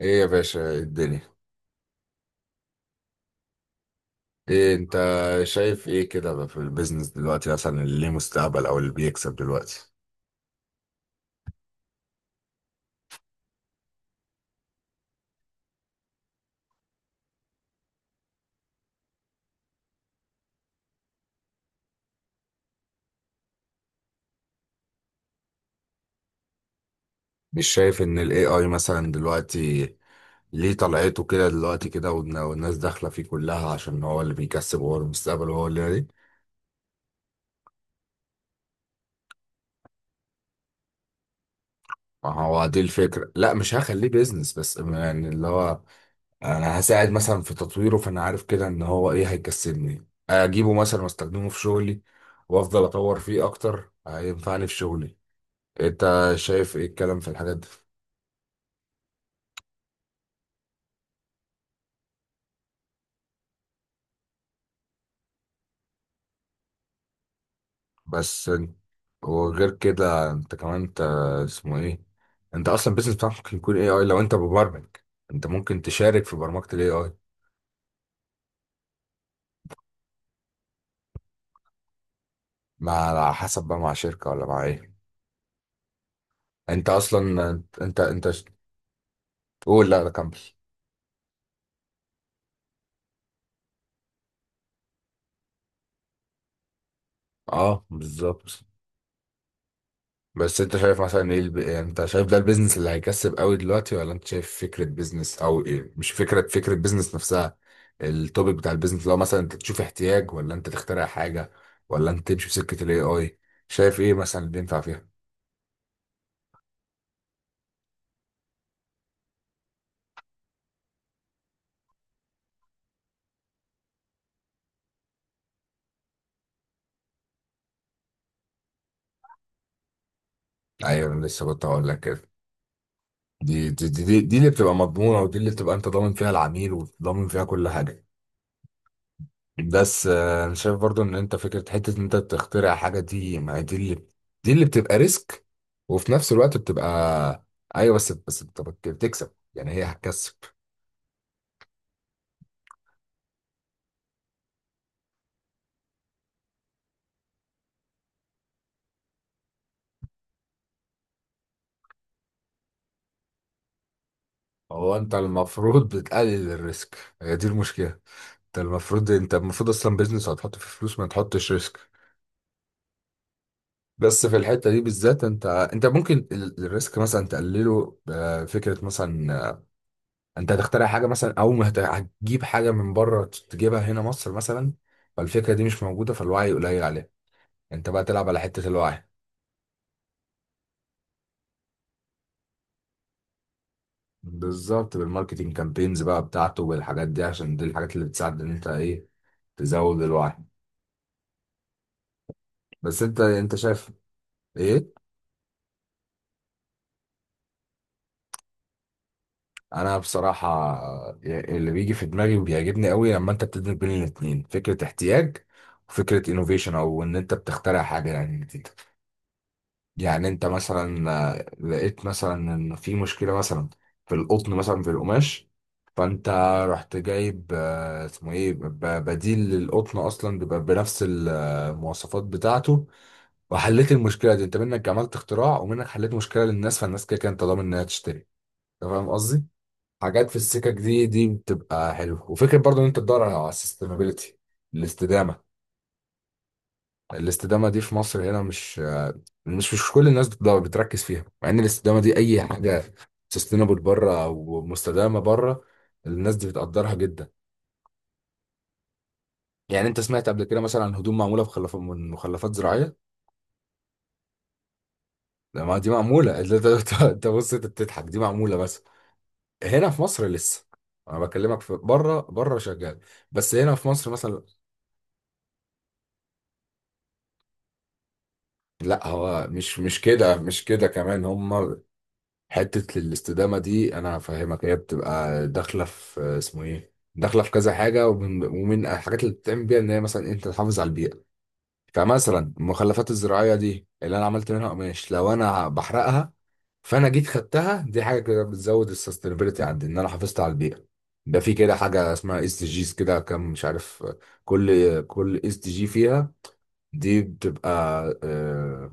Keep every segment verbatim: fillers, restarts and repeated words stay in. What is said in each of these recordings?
ايه يا باشا، إيه الدنيا؟ ايه انت؟ شايف ايه كده بقى في البيزنس دلوقتي مثلا؟ اللي ليه مستقبل او اللي بيكسب دلوقتي؟ مش شايف ان الاي اي مثلا دلوقتي ليه طلعته كده دلوقتي كده والن- والناس داخله فيه كلها عشان هو اللي بيكسب وهو المستقبل وهو اللي دي. ما هو دي الفكره، لا مش هخليه بيزنس بس يعني اللي هو انا هساعد مثلا في تطويره، فانا عارف كده ان هو ايه هيكسبني، اجيبه مثلا واستخدمه في شغلي وافضل اطور فيه اكتر هينفعني في شغلي. انت شايف ايه الكلام في الحاجات دي؟ بس وغير كده انت كمان انت اسمه ايه، انت اصلا البيزنس بتاعك ممكن يكون اي اي لو انت مبرمج، انت ممكن تشارك في برمجة الاي اي. مع على حسب بقى، مع شركة ولا مع ايه؟ انت اصلا انت انت, انت... قول، لا لا كمل. اه بالظبط. بس انت شايف مثلا ايه الب...؟ يعني انت شايف ده البيزنس اللي هيكسب قوي دلوقتي، ولا انت شايف فكرة بيزنس او ايه؟ مش فكرة، فكرة بيزنس نفسها، التوبيك بتاع البيزنس. لو مثلا انت تشوف احتياج، ولا انت تخترع حاجة، ولا انت تمشي في سكة الاي اي؟ شايف ايه مثلا اللي ينفع فيها؟ ايوه، انا لسه كنت هقول لك كده. دي دي, دي دي دي اللي بتبقى مضمونة، ودي اللي بتبقى انت ضامن فيها العميل وضامن فيها كل حاجة. بس آه، انا شايف برضو ان انت فكره حته ان انت بتخترع حاجه، دي ما هي دي اللي، دي اللي بتبقى ريسك وفي نفس الوقت بتبقى... ايوه بس بس انت بت- بتكسب، يعني هي هتكسب. هو انت المفروض بتقلل الريسك، هي دي المشكله. انت المفروض انت المفروض اصلا بيزنس هتحط فيه فلوس ما تحطش ريسك. بس في الحته دي بالذات انت انت ممكن ال- الريسك مثلا تقلله، آه، فكره مثلا انت هتخترع حاجه مثلا، او ما هت- هتجيب حاجه من بره تجيبها هنا مصر مثلا. فالفكره دي مش موجوده، فالوعي قليل عليها. انت بقى تلعب على حته الوعي. بالظبط، بالماركتينج كامبينز بقى بتاعته والحاجات دي، عشان دي الحاجات اللي بتساعد ان انت ايه تزود الوعي. بس انت انت شايف ايه؟ انا بصراحه ي- اللي بيجي في دماغي وبيعجبني قوي لما انت بتدمج بين الاثنين، فكره احتياج وفكره انوفيشن، او ان انت بتخترع حاجه يعني. يعني انت مثلا آه، لقيت مثلا ان في مشكله مثلا في القطن مثلا، في القماش، فانت رحت جايب آه، اسمه ايه ب- بديل للقطن اصلا بيبقى بنفس المواصفات بتاعته، وحليت المشكله دي. انت منك عملت اختراع ومنك حليت مشكله للناس، فالناس كده كده انت ضامن انها تشتري. انت فاهم قصدي؟ حاجات في السكك دي دي بتبقى حلوه، وفكره برضو ان انت تدور على السستينابيلتي، الاستدامه. الاستدامه دي في مصر هنا مش، مش مش كل الناس بتدور- بتركز فيها، مع ان الاستدامه دي اي حاجه سستينابل بره او مستدامه بره الناس دي بتقدرها جدا. يعني انت سمعت قبل كده مثلا عن هدوم معموله بخلف... من مخلفات زراعيه؟ لا، ما دي معموله انت انت- انت بص، انت بتضحك، دي معموله. بس هنا في مصر لسه، انا بكلمك في بره، بره شغال. بس هنا في مصر مثلا، لا هو مش مش كده، مش كده كمان هم. حتة الاستدامة دي أنا هفهمك، هي بتبقى داخلة في اسمه إيه؟ داخلة في كذا حاجة، ومن, ومن الحاجات اللي بتتعمل بيها إن هي مثلا أنت تحافظ على البيئة. فمثلا المخلفات الزراعية دي اللي أنا عملت منها قماش، لو أنا بحرقها، فأنا جيت خدتها، دي حاجة كده بتزود السستينابيلتي عندي، إن أنا حافظت على البيئة. ده في كده حاجة اسمها اس دي جيز كده، كام مش عارف، كل كل اس دي جي فيها دي بتبقى آه،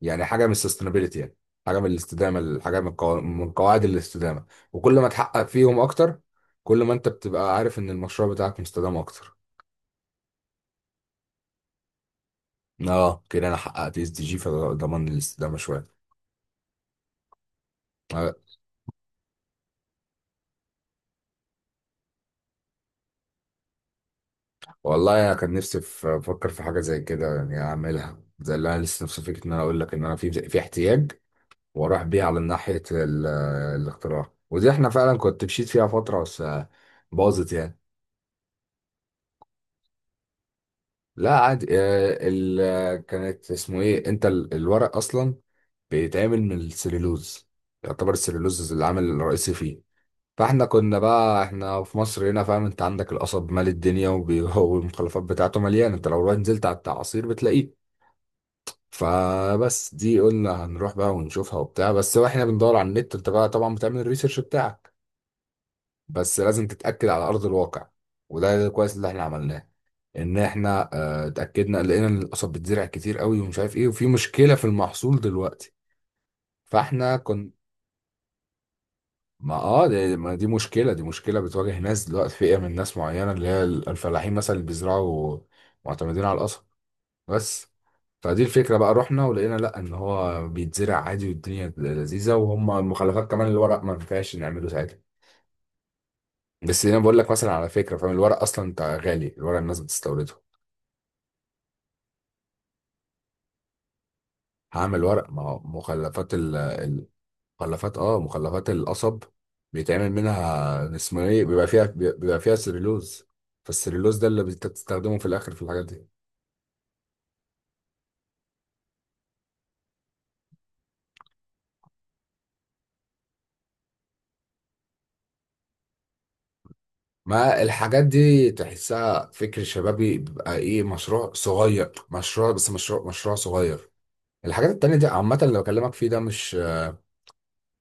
يعني حاجه من السستينابيلتي يعني، حاجه من الاستدامه، حاجه من القوا- من قواعد الاستدامه. وكل ما تحقق فيهم اكتر، كل ما انت بتبقى عارف ان المشروع بتاعك مستدام اكتر. اه، كده انا حققت اس دي جي فضمان الاستدامه شويه. آه، والله انا كان نفسي في- افكر في حاجه زي كده يعني، اعملها زي اللي انا لسه نفسي فيك ان انا اقول لك ان انا في في احتياج، واروح بيه على ناحيه ال- الاختراع. ودي احنا فعلا كنت مشيت فيها فتره، بس آه، باظت يعني. لا عادي، آه، ال... آه، كانت اسمه ايه انت ال- الورق اصلا بيتعمل من السليلوز، يعتبر السليلوز العامل الرئيسي فيه. فاحنا كنا بقى، احنا في مصر هنا فاهم، انت عندك القصب مال الدنيا وبي- والمخلفات بتاعته مليانه، انت لو رحت نزلت على التعاصير بتلاقيه. فبس دي قلنا هنروح بقى ونشوفها وبتاع، بس واحنا بندور على النت، انت بقى طبعا بتعمل الريسيرش بتاعك، بس لازم تتأكد على ارض الواقع. وده كويس اللي احنا عملناه، ان احنا آه، اتاكدنا، لقينا ان القصب بتزرع كتير قوي ومش عارف ايه، وفي مشكله في المحصول دلوقتي. فاحنا كنا، ما اه دي, ما دي مشكله، دي مشكله بتواجه ناس دلوقتي، فئه من ناس معينه اللي هي الفلاحين مثلا، اللي بيزرعوا معتمدين على القصب. بس فدي الفكره بقى، رحنا ولقينا لا ان هو بيتزرع عادي والدنيا لذيذه، وهم المخلفات كمان الورق ما ينفعش نعمله ساعتها. بس انا بقول لك مثلا على فكره، فاهم الورق اصلا انت غالي، الورق الناس بتستورده. هعمل ورق ما هو مخلفات، مخلفات اه مخلفات القصب بيتعمل منها اسمه ايه، بيبقى فيها بيبقى فيها سليلوز. فالسليلوز ده اللي بت- بتستخدمه في الاخر في الحاجات دي. ما الحاجات دي تحسها فكر شبابي، بيبقى ايه مشروع صغير، مشروع بس مشروع مشروع صغير. الحاجات التانية دي عامة اللي بكلمك فيه ده مش...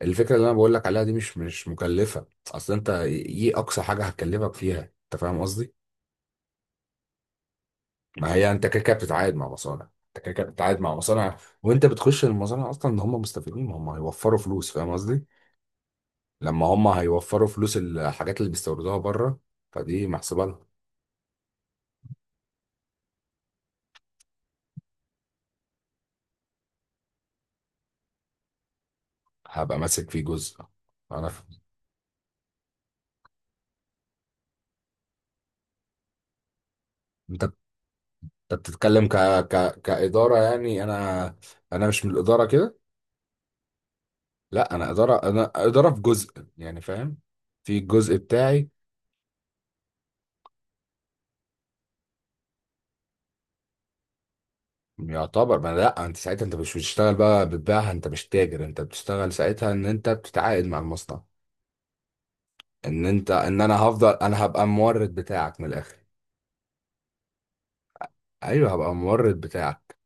الفكرة اللي انا بقول لك عليها دي مش مش مكلفة اصل، انت ايه اقصى حاجة هتكلفك فيها؟ انت فاهم قصدي؟ ما هي انت كده كده بتتعاقد مع مصانع، انت كده كده بتتعاقد مع مصانع. وانت بتخش المصانع اصلا ان هم مستفيدين، ما هم هيوفروا فلوس، فاهم قصدي؟ لما هم هيوفروا فلوس الحاجات اللي بيستوردوها بره، فدي محسوبه لهم. هبقى ماسك فيه جزء. انا ف... انت انت بتتكلم ك... ك... كاداره يعني، انا انا مش من الاداره كده. لا انا اداره، انا اداره في جزء يعني فاهم، في الجزء بتاعي. يعتبر ما لا انت ساعتها انت مش بتشتغل بقى بتبيعها، انت مش تاجر، انت بتشتغل ساعتها ان انت بتتعاقد مع المصنع. ان انت ان انا هفضل، انا هبقى المورد بتاعك من الاخر. ايوه هبقى المورد بتاعك.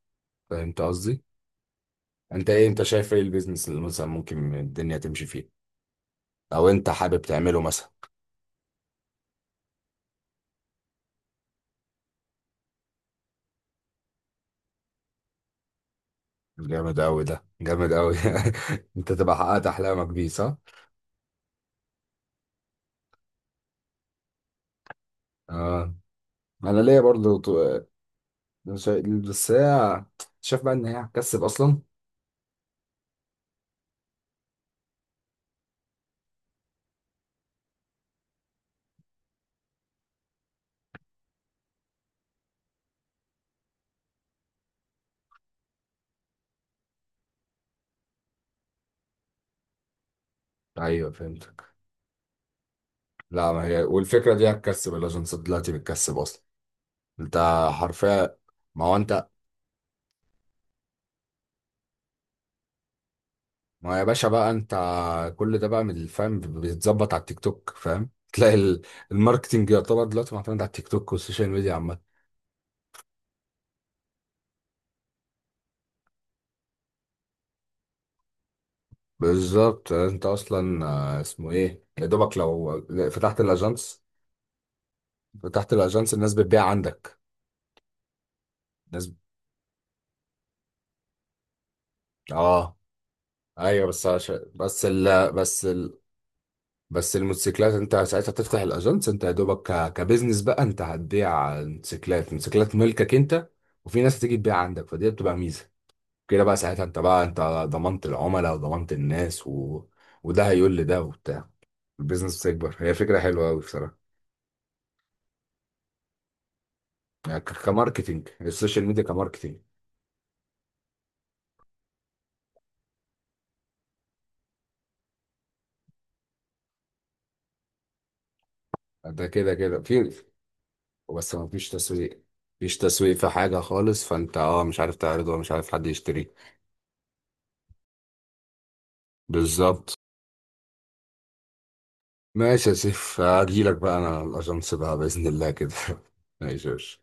فهمت قصدي؟ انت ايه انت شايف ايه البيزنس اللي مثلا ممكن الدنيا تمشي فيه، او انت حابب تعمله مثلا؟ جامد قوي، ده جامد قوي. انت تبقى حققت احلامك بيه، صح؟ اه، انا ليا برضو ط- شا- بس هي، شايف بقى ان هي هتكسب اصلا؟ ايوه فهمتك. لا ما هي والفكره دي هتكسب، الاجنسات دلوقتي بتكسب اصلا. انت حرفيا، ما هو انت، ما يا باشا بقى انت كل ده بقى من الفهم بيتظبط على التيك توك، فاهم؟ تلاقي ال- الماركتينج يعتبر دلوقتي معتمد على التيك توك والسوشيال ميديا عامة. بالظبط، انت اصلا آه، اسمه ايه يا دوبك لو فتحت الاجانس، فتحت الاجانس الناس بتبيع عندك، الناس اه. ايوه بس عش... بس ال... بس ال... بس الموتوسيكلات انت ساعتها تفتح الاجانس، انت يا دوبك ك... كبزنس بقى، انت هتبيع موتوسيكلات، موتوسيكلات ملكك انت، وفي ناس هتيجي تبيع عندك، فدي بتبقى ميزة. كده بقى ساعتها انت بقى انت ضمنت العملاء وضمنت الناس و... وده هيقول لده وبتاع، البيزنس بتكبر. هي فكرة حلوة قوي بصراحة. يعني ك- كماركتينج، السوشيال ميديا كماركتينج. ده كده كده في... بس ما فيش تسويق، مفيش تسويق في حاجة خالص، فانت اه مش عارف تعرضه ومش عارف حد يشتريه. بالظبط. ماشي يا سيف، هجيلك بقى انا الاجنس بقى بإذن الله كده. ماشي يا باشا.